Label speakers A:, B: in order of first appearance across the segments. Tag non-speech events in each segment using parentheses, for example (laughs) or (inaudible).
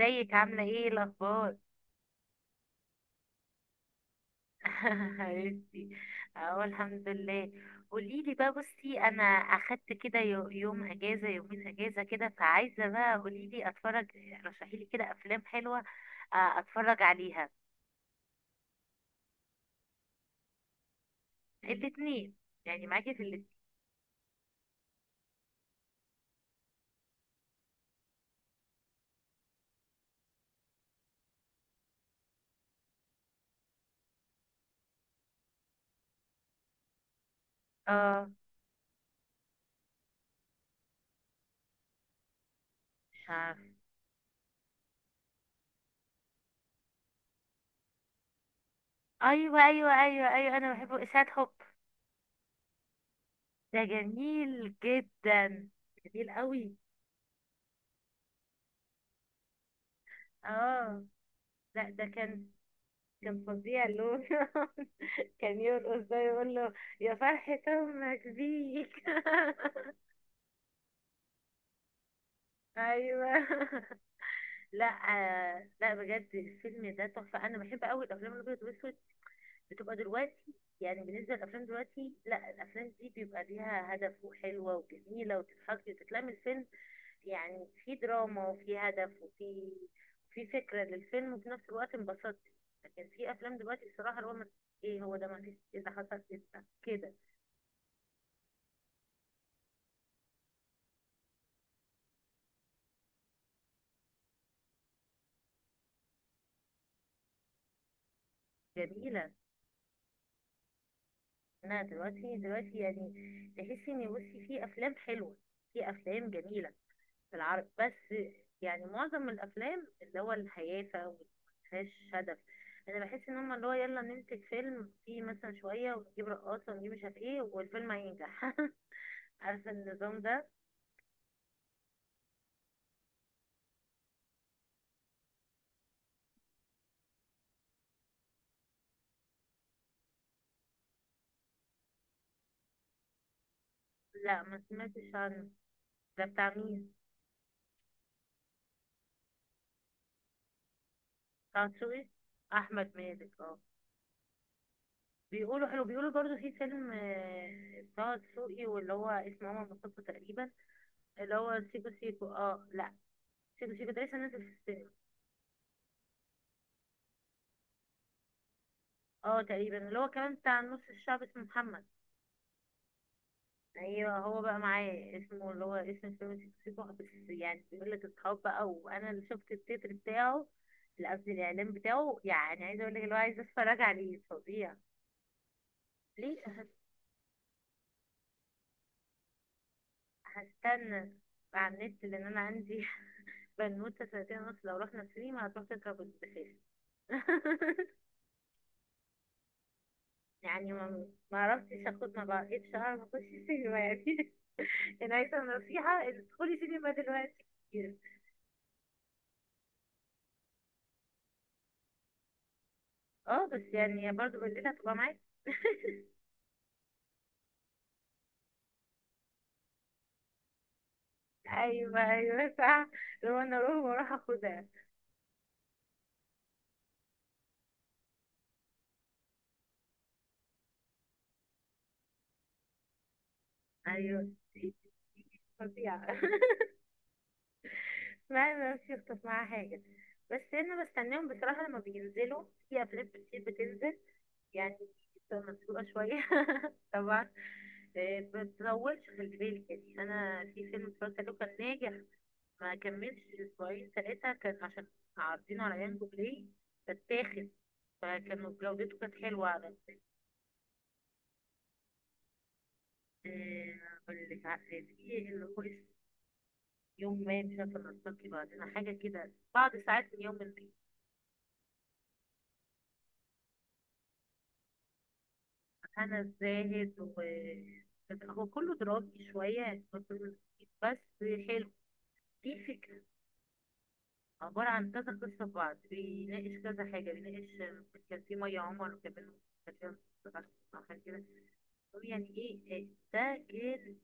A: ازيك عاملة ايه الأخبار؟ (laughs) حبيبتي. اهو الحمد لله. قوليلي بقى، بصي أنا أخدت كده يوم أجازة، يومين أجازة كده، فعايزة بقى قوليلي أتفرج. رشحيلي كده أفلام حلوة أتفرج عليها. الاتنين، يعني معاكي في الاتنين. اه، مش عارفة. أيوه أيوه أيوه أيوه، أنا بحبه إشاعة حب. ده جميل جدا، جميل قوي. اه، لا ده كان، كان فظيع اللون (laughs) كان يرقص، ده يقول له يا فرحة أمك بيك (laughs) أيوه (laughs) لا لا بجد الفيلم ده تحفة. أنا بحب أوي الأفلام الأبيض والأسود. بتبقى دلوقتي، يعني بالنسبة للأفلام دلوقتي، لا الأفلام دي بيبقى ليها هدف، وحلوة وجميلة وتضحكي وتتلم الفيلم. يعني في دراما وفي هدف وفي فكرة للفيلم، وفي نفس الوقت انبسطت. لكن في أفلام دلوقتي الصراحة اللي هو ما- إيه هو ده، ما فيش، إيه ده حصل، إيه ده كده. جميلة. انا دلوقتي، دلوقتي يعني تحسي ان بصي في افلام حلوه، في افلام جميله في العرب بس. يعني معظم الافلام اللي هو الهيافه، ومفيهاش هدف. انا بحس ان هم اللي هو يلا ننتج فيلم فيه مثلا شويه ونجيب رقاصه ونجيب مش عارف ايه، والفيلم هينجح (laughs) عارفه النظام ده. لا، ما سمعتش عنه. ده بتاع مين؟ بتاع دسوقي، احمد مالك اه. بيقولوا حلو. بيقولوا برضو في فيلم بتاع دسوقي واللي هو اسمه ماما مصطفى تقريبا. اللي هو سيكو سيكو، اه لا سيكو سيكو ده لسه نازل في السينما. اه تقريبا اللي هو كمان بتاع نص الشعب، اسمه محمد. ايوه هو بقى معاه، اسمه اللي هو اسم الفيلم سيكو سيكو. بس يعني بيقول لك اصحاب بقى، وانا اللي شفت التتر بتاعه. لا، قصدي الاعلان بتاعه. يعني عايزه اقول لك اللي هو عايزه اتفرج عليه فظيع. ليه هس- هستنى على النت لان انا عندي (laughs) بنوته سنتين ونص. لو رحنا سينما هتروح تركب الدفاف (laughs) يعني ما عرفتش اخد، ما بقتش اعرف اخش السينما يعني (laughs) يعني عايزه نصيحه إن تدخلي سينما دلوقتي كتير. اه، بس يعني برضو بالليل هتبقى معاك (laughs) ايوه ايوه صح، لو انا اروح واروح اخدها. ايوه، دي فظيعه (laughs) ما مش يخطف معاها حاجه. بس انا بستناهم بصراحه، لما بينزلوا في افلام كتير بتنزل يعني. بتبقى مسلوقة شوية (laughs) طبعا. ما تطولش خلي بالك. يعني أنا في فيلم اتفرجت عليه كان ناجح، ما كملش أسبوعين ثلاثة، كان عشان عارضينه على يانجو بلاي فاتاخد. فكان جودته كانت حلوة على اللي في اللي هو اسمه يوم ما مش عارفة نلتقي بعدين، حاجة كده بعد ساعات من يوم ما. هنا الزاهد، و هو كله درامي شوية بس حلو، في فكرة. عبارة عن كذا قصة في بعض، بيناقش كذا حاجة، بيناقش كان في مية عمر كمان. كان فيها قصة أو حاجة كده. هو يعني إيه إيه، ده كان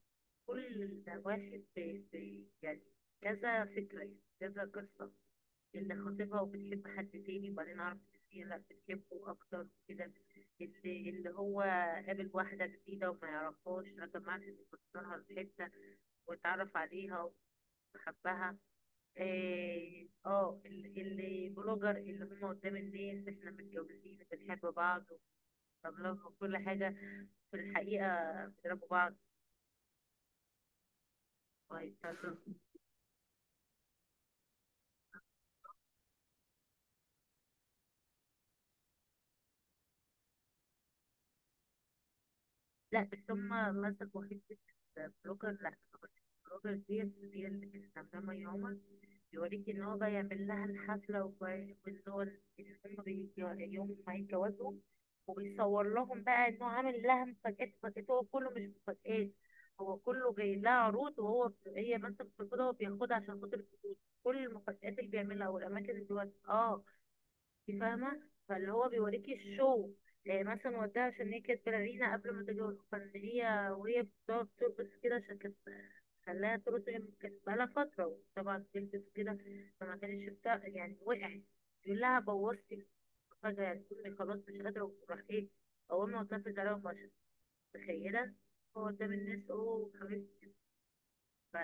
A: كل واحد يعني كذا فكرة يعني كذا قصة. اللي خاطبها وبتحب حد تاني، وبعدين عرفت إن هي لا بتحبه أكتر وكده. اللي هو قابل واحدة جديدة وما يعرفهاش، لكن معرفش إنه في حتة واتعرف عليها وحبها. اه اللي بلوجر، اللي هم قدام الناس احنا متجوزين بنحب بعض وبنلاف وكل حاجة. في الحقيقة بيضربوا بعض وهيتكلموا. لا بس هما مسكوا حتة بلوجر، لا بلوجر ديت. هي اللي كانت عاملة يوما بيوريك ان هو بقى يعمل لها الحفلة وان هو إن يوم ما يتجوزوا. وبيصور لهم بقى انه عامل لها مفاجآت، مفاجآت هو كله مش مفاجآت. هو كله جاي لها عروض، هي بس بتاخدها وبياخدها عشان خاطر الفلوس. كل المفاجآت اللي بيعملها والأماكن اللي هو اه فاهمة، فاللي هو بيوريكي الشو. يعني مثلا وداها عشان هي كانت بالغينة قبل ما تتجوز، فان هي وهي بتقعد ترقص كده عشان كانت خلاها ترقص هي كانت بقالها فترة، وطبعا بتلبس كده فما كانتش بتاع يعني، وقعت. يقول لها بوظتي فجأة، يعني أمي خلاص مش قادرة، وراح إيه أول ما وصلت عليها ومشت. متخيلة، هو قدام الناس أوه حبيبتي.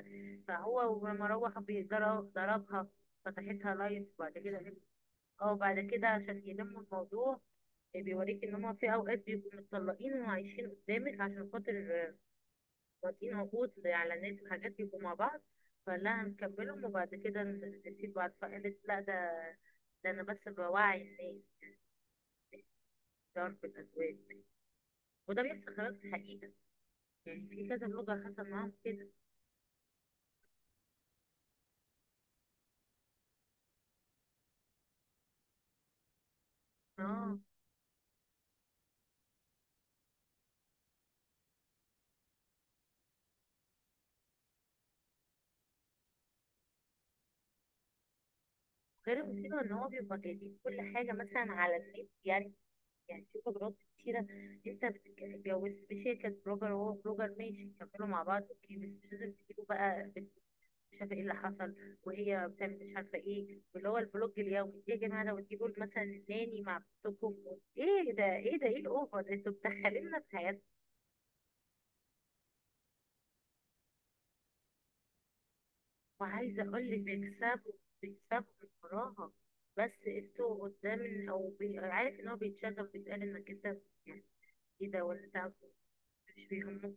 A: فهو ولما روح ضربها، فتحتها لايف. وبعد كده، اه بعد كده عشان يلموا الموضوع، بيوريك ان هما في اوقات بيبقوا متطلقين وعايشين قدامك عشان خاطر واطيين عقود على ناس وحاجات بيبقوا مع بعض. فقال لها هنكملهم وبعد كده نسيب بعض، فقالت لا ده، ده انا بس بوعي الناس، تعرف الازواج، وده بيحصل خلاف الحقيقة. يعني في كذا بلوجر حصل معاهم كده. اه غير المصيبة ان هو بيبقى جايبين كل حاجة مثلا على النت يعني. يعني في بلوجرات كتيرة، انت بتتجوز بشركة بلوجر وهو بلوجر، ماشي كملوا مع بعض اوكي، بس مش لازم تجيبوا بقى مش عارفه ايه اللي حصل وهي بتعمل مش عارفه ايه واللي هو البلوج اليومي. ايه يا جماعه لو تجيبوا مثلا الناني مع بنتكم؟ ايه ده، ايه ده، ايه الاوفر ده؟ انتوا مدخليننا في حياتنا. وعايزه اقول لك بيكسبوا، بيكسبوا من وراها. بس انتوا قدام، او عارف ان هو بيتشغل، بيتقال انك انت يعني ايه ده، ولا انت مش بيهمك.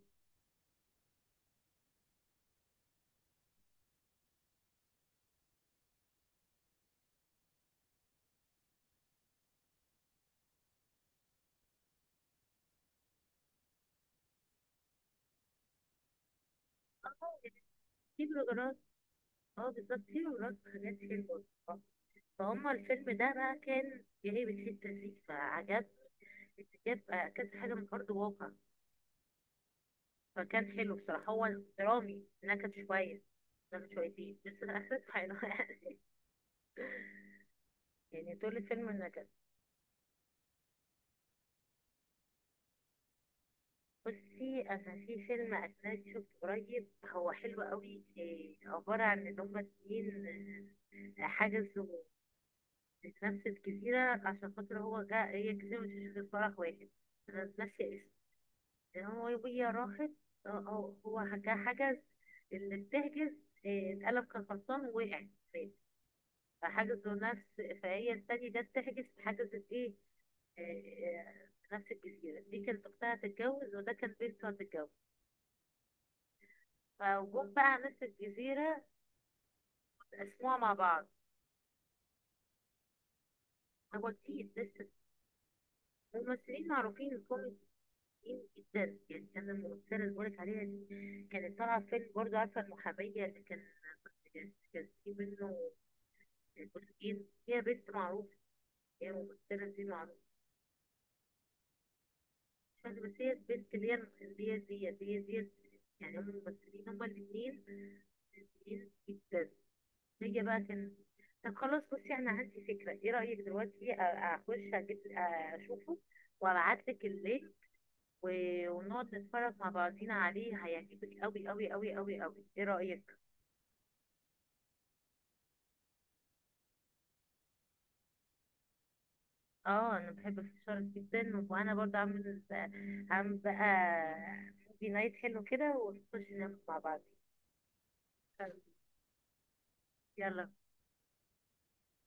A: في بلوجرات، اه بالظبط في بلوجرات حاجات حلوه. فهم الفيلم ده بقى كان جايب الحته دي فعجبني. جاب كذا حاجه من ارض واقع، فكان حلو بصراحة. هو درامي انها كانت شوية نكت شويتين، بس في الأساس حلو يعني (laughs) يعني طول الفيلم نكت. بصي أنا في فيلم أجنبي شفته قريب هو حلو قوي. عبارة عن إن هما اتنين حجزوا في نفس الجزيرة عشان خاطر هو جا، هي جزيرة مش في فرح واحد. أنا ناسية اسمه. يعني هو وهي راحت، هو جا حجز اللي بتحجز، اتقلب كان غلطان ووقع في، فحجزوا نفس، فهي الثانية جت تحجز، حجزت ايه في نفس الجزيرة دي. كانت أختها هتتجوز، وده كان بنته هتتجوز، فجم بقى على نفس الجزيرة. قسموها مع بعض. هو كتير لسه. ممثلين معروفين كوميديين جدا يعني. كان الممثلة اللي بقولك عليها دي كانت طالعة في فيلم برضه، عارفة المحامية اللي كان، كان في منه جزئين. هي بنت معروفة، هي ممثلة دي معروفة. بس هي سبيس كلير ديت، ديت هي ديت. يعني هم الممثلين، هما الاثنين ممثلين جدا. نيجي بقى كان، طب خلاص بصي انا عندي فكرة. ايه رأيك دلوقتي اخش اجيب اشوفه وابعتلك اللينك، ونقعد نتفرج مع بعضينا عليه، هيعجبك قوي قوي قوي قوي قوي. ايه رأيك؟ اه انا بحب الفشار جدا، وانا برضه عامل، عامل بقى موفي نايت حلو كده، ونخش ناكل مع بعض. يلا.